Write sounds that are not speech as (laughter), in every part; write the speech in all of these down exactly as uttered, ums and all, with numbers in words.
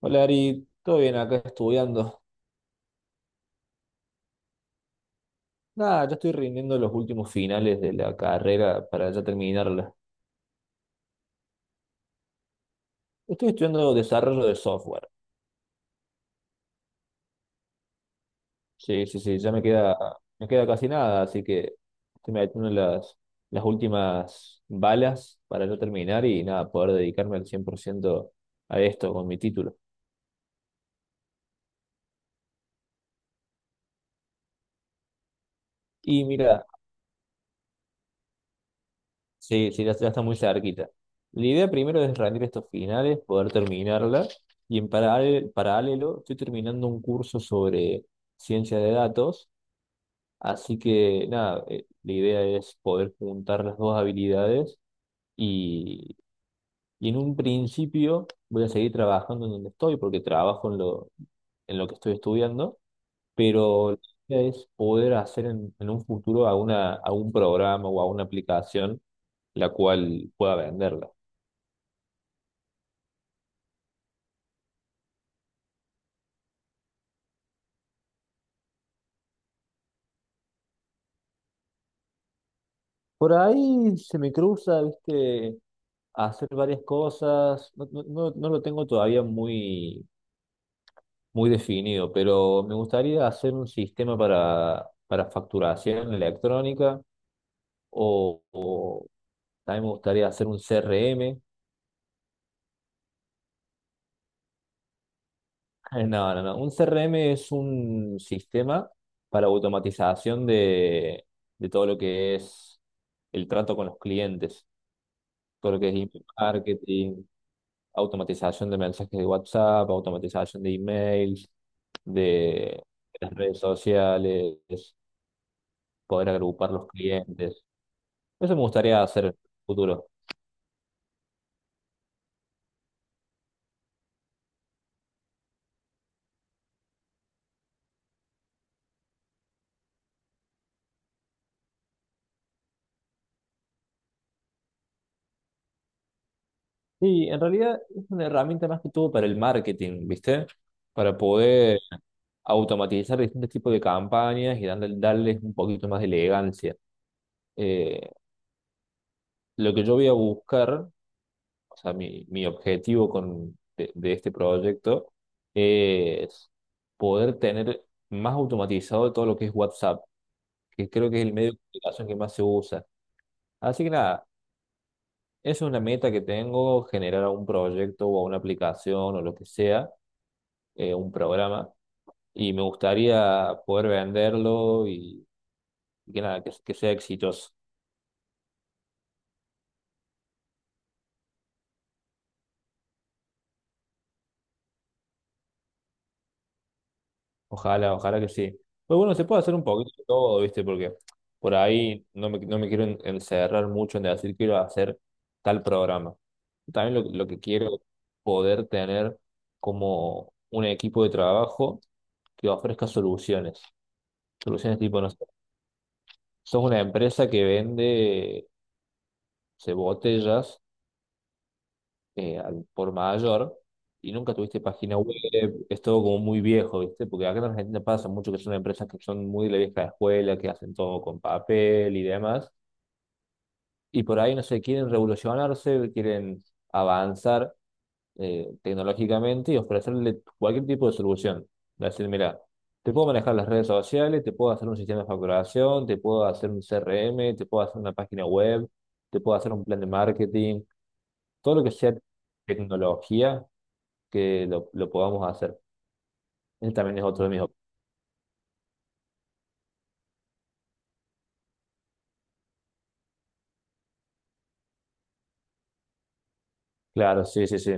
Hola Ari, todo bien acá estudiando. Nada, ya estoy rindiendo los últimos finales de la carrera para ya terminarla. Estoy estudiando desarrollo de software. Sí, sí, sí, ya me queda, me queda casi nada, así que estoy metiendo las, las últimas balas para ya terminar y nada, poder dedicarme al cien por ciento a esto con mi título. Y mira, sí, sí, ya, ya está muy cerquita. La idea primero es rendir estos finales, poder terminarla. Y en paral- paralelo, estoy terminando un curso sobre ciencia de datos. Así que nada, eh, la idea es poder juntar las dos habilidades. Y, y en un principio voy a seguir trabajando en donde estoy, porque trabajo en lo, en lo que estoy estudiando. Pero la idea es poder hacer en, en un futuro alguna, algún programa o alguna aplicación la cual pueda venderla. Por ahí se me cruza, viste, hacer varias cosas. No, no- no- no lo tengo todavía muy, muy definido, pero me gustaría hacer un sistema para, para facturación electrónica o, o también me gustaría hacer un C R M. (laughs) No, no, no. Un C R M es un sistema para automatización de, de todo lo que es el trato con los clientes. Todo lo que es email marketing, automatización de mensajes de WhatsApp, automatización de emails, de las redes sociales, poder agrupar los clientes. Eso me gustaría hacer en el futuro. Y en realidad es una herramienta más que todo para el marketing, ¿viste? Para poder automatizar distintos tipos de campañas y darle- darles un poquito más de elegancia. Eh, lo que yo voy a buscar, o sea, mi, mi objetivo con, de, de este proyecto es poder tener más automatizado todo lo que es WhatsApp, que creo que es el medio de comunicación que más se usa. Así que nada, eso es una meta que tengo, generar un proyecto o una aplicación o lo que sea, eh, un programa, y me gustaría poder venderlo y, y que nada, que que sea exitoso. Ojalá, ojalá que sí. Pero bueno, se puede hacer un poquito de todo, ¿viste? Porque por ahí no me, no me quiero en- encerrar mucho en decir quiero hacer tal programa. También lo, lo que quiero es poder tener como un equipo de trabajo que ofrezca soluciones. Soluciones tipo, no sé, sos una empresa que vende, no sé, botellas, eh, al por mayor y nunca tuviste página web, es todo como muy viejo, ¿viste? Porque acá en Argentina pasa mucho que son empresas que son muy de la vieja escuela, que hacen todo con papel y demás, y por ahí, no sé, quieren revolucionarse, quieren avanzar eh, tecnológicamente y ofrecerle cualquier tipo de solución. Decir, mira, te puedo manejar las redes sociales, te puedo hacer un sistema de facturación, te puedo hacer un C R M, te puedo hacer una página web, te puedo hacer un plan de marketing, todo lo que sea tecnología que lo, lo podamos hacer. Ese también es otro de mis... ob- Claro, sí, sí, sí.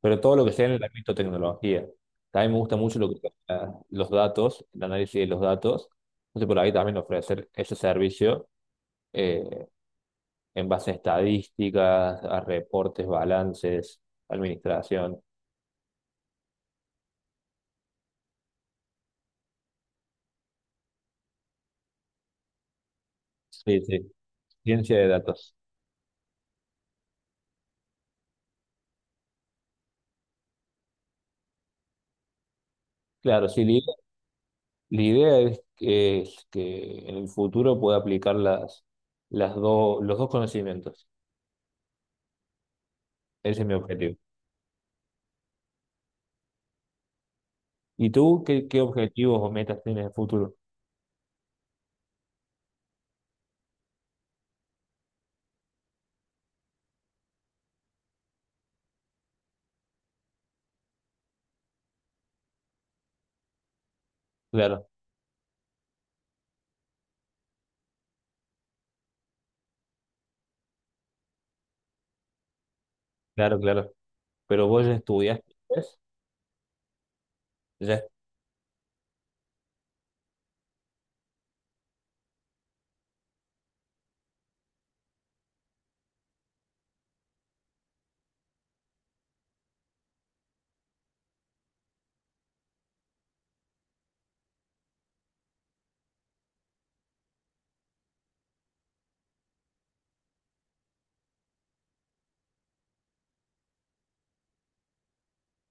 Pero todo lo que sea en el ámbito de tecnología. También me gusta mucho lo que la- los datos, el análisis de los datos. Entonces, por ahí también ofrecer ese servicio, eh, en base a estadísticas, a reportes, balances, administración. Sí, sí, ciencia de datos. Claro, sí, la idea la idea es que, es que en el futuro pueda aplicar las, las dos los dos conocimientos. Ese es mi objetivo. Y tú, qué, ¿qué objetivos o metas tienes de futuro? Claro, claro, claro. Pero vos ya estudiaste inglés, ya,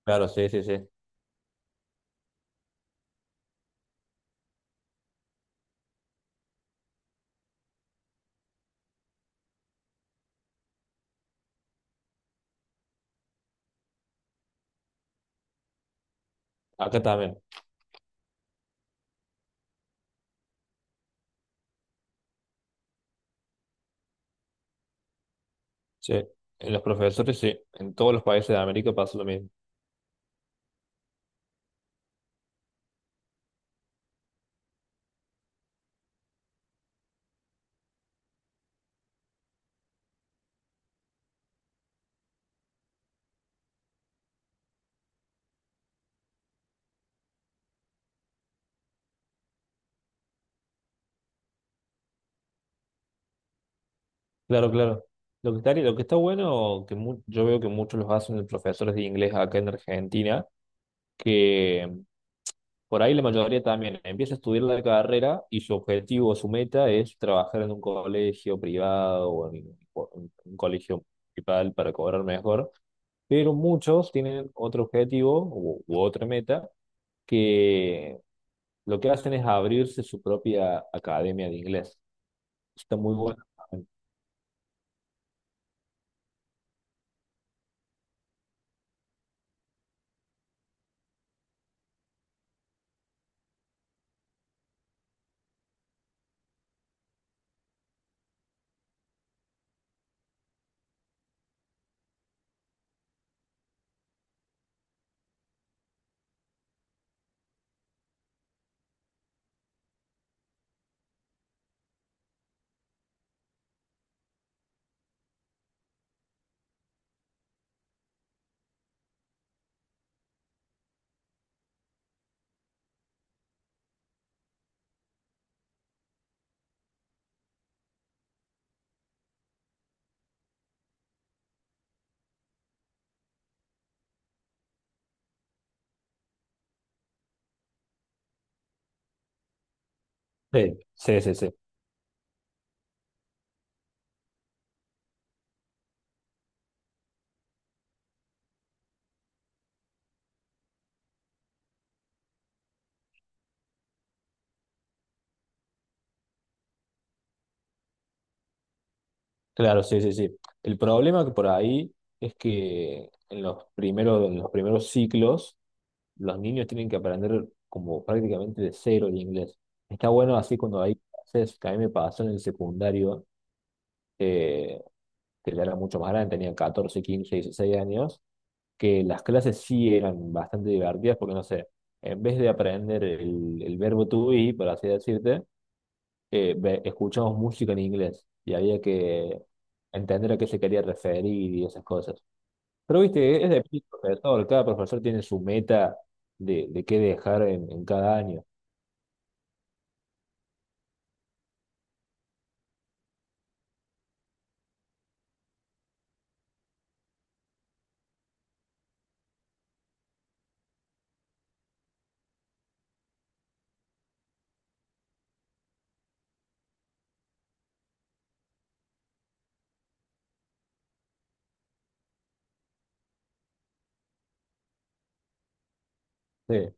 claro, sí, sí, sí. Acá también, sí. En los profesores, sí. En todos los países de América pasa lo mismo. Claro, claro. Lo que está, lo que está bueno, que mu- yo veo que muchos los hacen de profesores de inglés acá en Argentina, que por ahí la mayoría también empieza a estudiar la carrera y su objetivo o su meta es trabajar en un colegio privado o en, o en un colegio municipal para cobrar mejor. Pero muchos tienen otro objetivo u, u otra meta que lo que hacen es abrirse su propia academia de inglés. Está muy bueno. Sí, sí, sí, sí. Claro, sí, sí, sí. El problema que por ahí es que en los primeros, en los primeros ciclos los niños tienen que aprender como prácticamente de cero el inglés. Está bueno así cuando hay clases, que a mí me pasó en el secundario, eh, que ya era mucho más grande, tenía catorce, quince, dieciséis años, que las clases sí eran bastante divertidas porque, no sé, en vez de aprender el, el verbo to be, por así decirte, eh, ve- escuchamos música en inglés y había que entender a qué se quería referir y esas cosas. Pero, viste, es de profesor, cada profesor tiene su meta de, de qué dejar en, en cada año. Sí,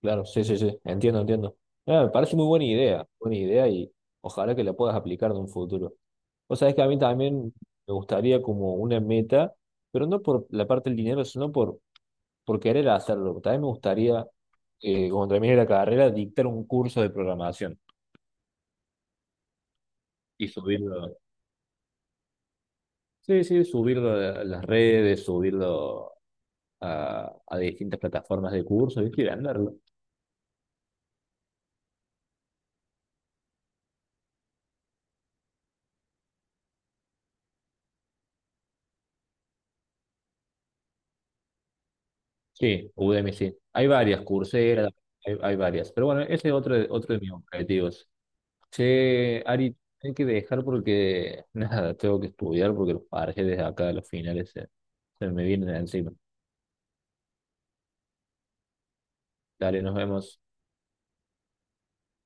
claro, sí, sí, sí, entiendo, entiendo. Ah, me parece muy buena idea, buena idea, y ojalá que la puedas aplicar en un futuro. O sea, es que a mí también me gustaría como una meta, pero no por la parte del dinero, sino por, por querer hacerlo. También me gustaría, eh, cuando termine la carrera, dictar un curso de programación y subirlo. Sí, sí, subirlo a las redes, subirlo a, a distintas plataformas de curso, ¿viste? Y venderlo. Sí, Udemy, sí. Hay varias, Coursera, hay, hay varias. Pero bueno, ese es otro, de- otro de mis objetivos. Che, Ari, hay que dejar porque nada, tengo que estudiar porque los parciales de acá, los finales se, se me vienen encima. Dale, nos vemos.